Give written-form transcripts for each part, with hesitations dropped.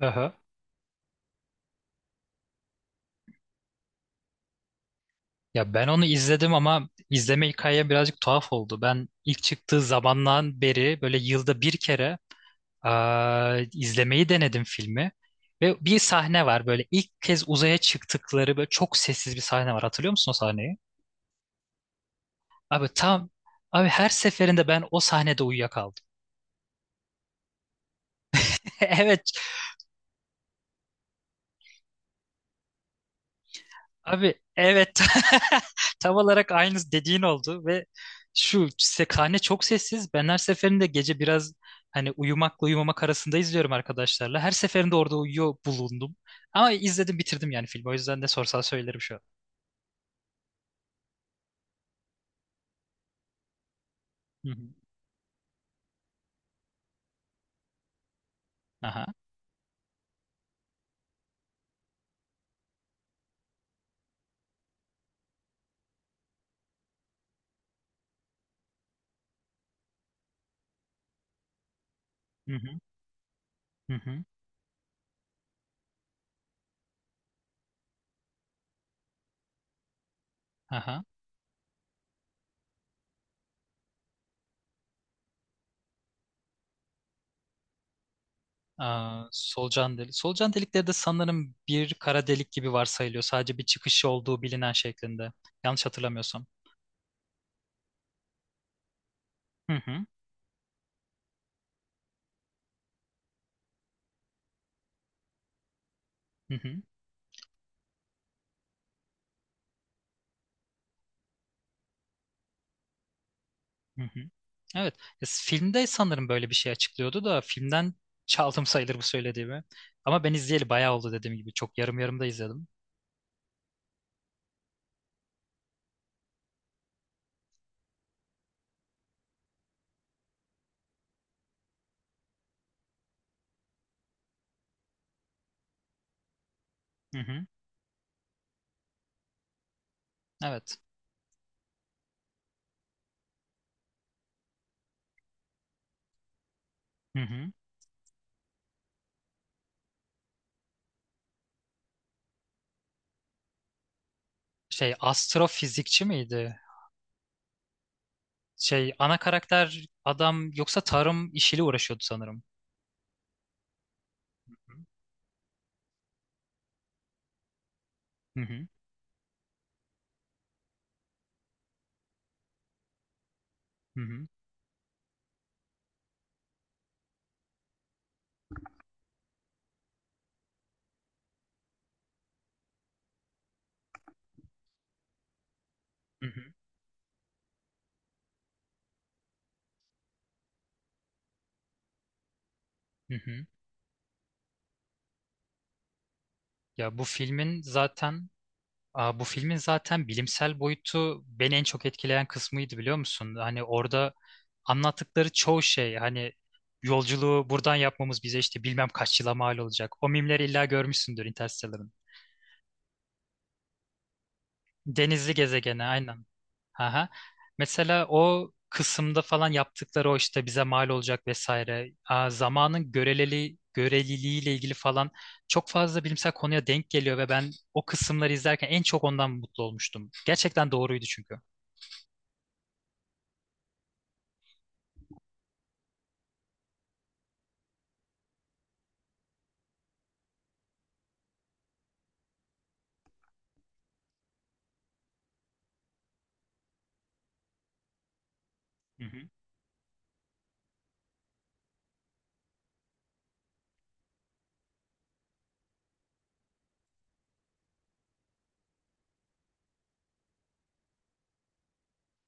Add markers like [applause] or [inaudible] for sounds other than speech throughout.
Hı hı. Ya ben onu izledim ama izleme hikaye birazcık tuhaf oldu. Ben ilk çıktığı zamandan beri böyle yılda bir kere izlemeyi denedim filmi. Ve bir sahne var, böyle ilk kez uzaya çıktıkları, böyle çok sessiz bir sahne var. Hatırlıyor musun o sahneyi? Abi tam abi, her seferinde ben o sahnede uyuyakaldım. [laughs] Evet. Abi, evet, [laughs] tam olarak aynı dediğin oldu ve şu sekhane çok sessiz. Ben her seferinde gece biraz, hani, uyumakla uyumamak arasında izliyorum arkadaşlarla. Her seferinde orada uyuyor bulundum. Ama izledim, bitirdim yani filmi. O yüzden ne sorsan söylerim şu an. Hı hı. Aha. Hı hı. Hı hı. Aha. Solucan delik. Solucan delikleri de sanırım bir kara delik gibi varsayılıyor. Sadece bir çıkışı olduğu bilinen şeklinde. Yanlış hatırlamıyorsam. Hı hı. Hı hı. Hı hı. Evet. Filmde sanırım böyle bir şey açıklıyordu da filmden çaldım sayılır bu söylediğimi. Ama ben izleyeli bayağı oldu, dediğim gibi. Çok yarım yarım da izledim. Hı hı. Evet. Hı hı. Şey, astrofizikçi miydi? Şey, ana karakter adam yoksa tarım işiyle uğraşıyordu sanırım. Hı hı. Hı hı. Hı hı. Hı hı. Ya bu filmin zaten bu filmin zaten bilimsel boyutu beni en çok etkileyen kısmıydı, biliyor musun? Hani orada anlattıkları çoğu şey, hani, yolculuğu buradan yapmamız bize işte bilmem kaç yıla mal olacak. O mimleri illa görmüşsündür Interstellar'ın. Denizli gezegene aynen. Aha. Mesela o kısımda falan yaptıkları, o işte bize mal olacak vesaire. Zamanın göreliliği ile ilgili falan çok fazla bilimsel konuya denk geliyor ve ben o kısımları izlerken en çok ondan mutlu olmuştum. Gerçekten doğruydu çünkü. Hı hı.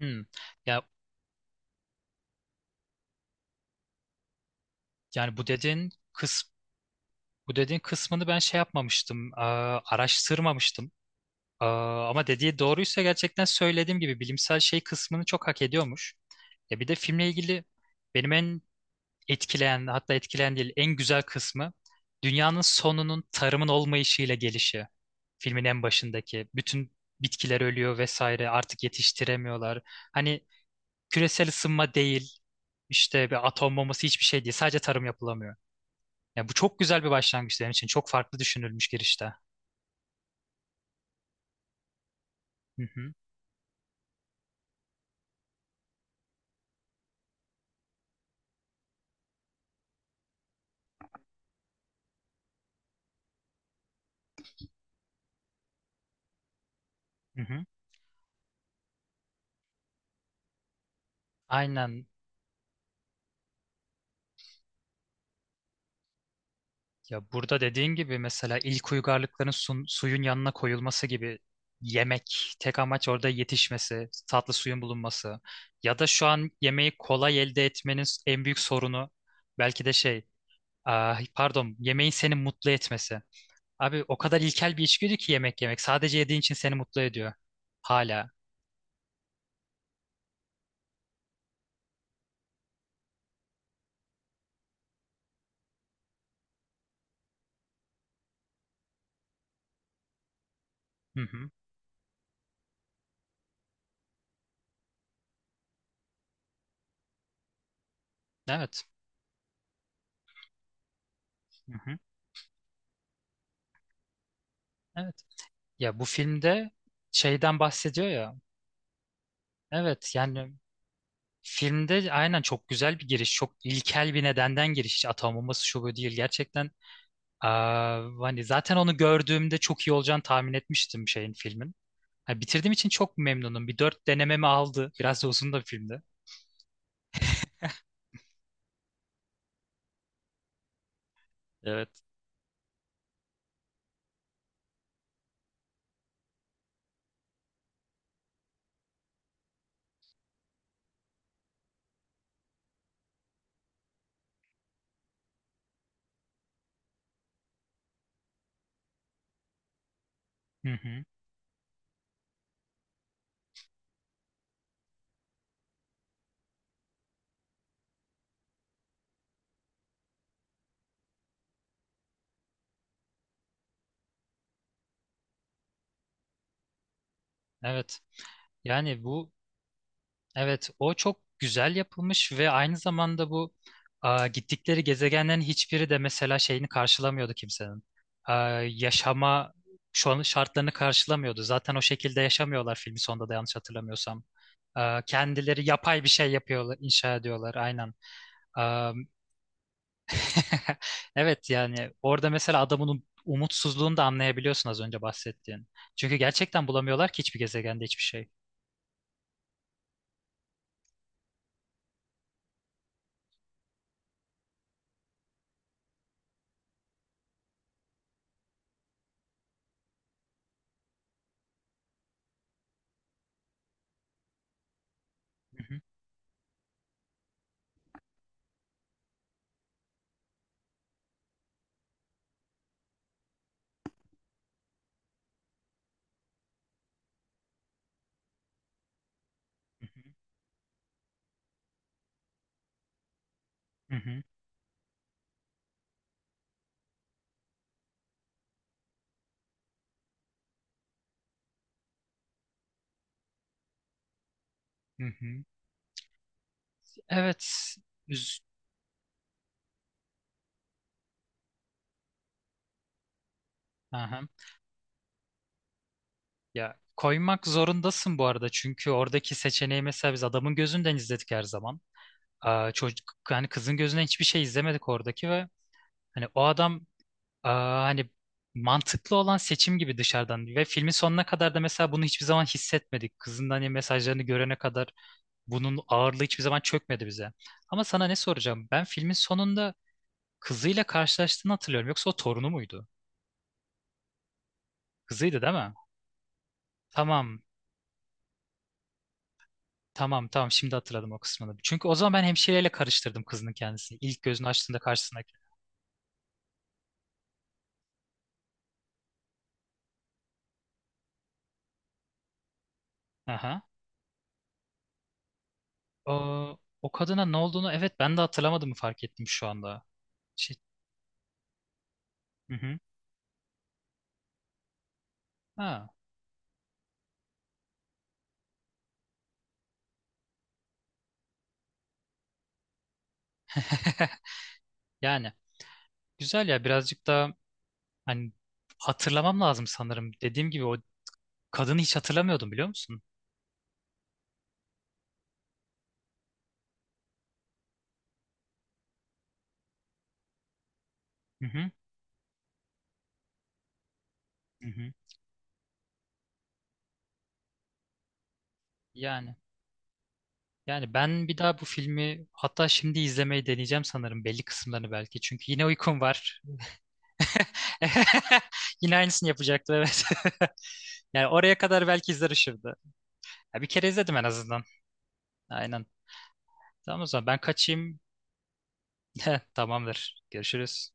Hmm. Ya, yani bu dediğin kısmını ben şey yapmamıştım, araştırmamıştım. Ama dediği doğruysa, gerçekten söylediğim gibi, bilimsel şey kısmını çok hak ediyormuş. Ya bir de filmle ilgili benim en etkileyen, hatta etkileyen değil, en güzel kısmı dünyanın sonunun tarımın olmayışıyla gelişi. Filmin en başındaki bütün bitkiler ölüyor vesaire, artık yetiştiremiyorlar. Hani küresel ısınma değil, işte bir atom bombası hiçbir şey değil, sadece tarım yapılamıyor. Ya bu çok güzel bir başlangıç, benim için çok farklı düşünülmüş girişte. Hı hı, hı hı. Aynen. Ya burada dediğin gibi mesela ilk uygarlıkların suyun yanına koyulması gibi, yemek, tek amaç orada yetişmesi, tatlı suyun bulunması, ya da şu an yemeği kolay elde etmenin en büyük sorunu belki de şey, ah, pardon, yemeğin seni mutlu etmesi. Abi o kadar ilkel bir içgüdü ki yemek yemek. Sadece yediğin için seni mutlu ediyor. Hala. Hı hı. Evet. Hı hı. Evet. Ya bu filmde şeyden bahsediyor ya. Evet, yani filmde aynen çok güzel bir giriş, çok ilkel bir nedenden giriş. Atanmaması şu bu değil, gerçekten. Hani zaten onu gördüğümde çok iyi olacağını tahmin etmiştim şeyin, filmin. Ha, bitirdiğim için çok memnunum. Bir dört denememi aldı. Biraz da uzun da bir filmdi. Evet. Hı hı. Evet. Yani bu Evet, o çok güzel yapılmış ve aynı zamanda bu, a, gittikleri gezegenlerin hiçbiri de mesela şeyini karşılamıyordu kimsenin. A, Yaşama şu an şartlarını karşılamıyordu. Zaten o şekilde yaşamıyorlar filmi sonunda da, yanlış hatırlamıyorsam. Kendileri yapay bir şey yapıyorlar, inşa ediyorlar aynen. A, [laughs] evet, yani orada mesela adamın umutsuzluğunu da anlayabiliyorsun, az önce bahsettiğin. Çünkü gerçekten bulamıyorlar ki hiçbir gezegende hiçbir şey. Hı hı, hı hı, hı hı, hı hı. Evet. Üz Aha. Ya koymak zorundasın bu arada, çünkü oradaki seçeneği mesela biz adamın gözünden izledik her zaman. Çocuk, hani kızın gözünden hiçbir şey izlemedik oradaki, ve hani o adam, hani mantıklı olan seçim gibi dışarıdan, ve filmin sonuna kadar da mesela bunu hiçbir zaman hissetmedik. Kızın hani mesajlarını görene kadar bunun ağırlığı hiçbir zaman çökmedi bize. Ama sana ne soracağım? Ben filmin sonunda kızıyla karşılaştığını hatırlıyorum. Yoksa o torunu muydu? Kızıydı değil mi? Tamam. Tamam, tamam, şimdi hatırladım o kısmını. Çünkü o zaman ben hemşireyle karıştırdım kızının kendisini, İlk gözünü açtığında karşısındaki. Aha. O kadına ne olduğunu, evet, ben de hatırlamadığımı fark ettim şu anda. Şey, hı hı. Ha. [laughs] Yani güzel ya, birazcık da, hani, hatırlamam lazım sanırım. Dediğim gibi o kadını hiç hatırlamıyordum, biliyor musun? Hı hı. Hı hı. Yani yani ben bir daha bu filmi, hatta şimdi, izlemeyi deneyeceğim sanırım, belli kısımlarını belki. Çünkü yine uykum var. [laughs] Yine aynısını yapacaktı, evet. [laughs] Yani oraya kadar belki izler ışırdı. Ya bir kere izledim en azından. Aynen. Tamam, o zaman ben kaçayım. [laughs] Tamamdır. Görüşürüz.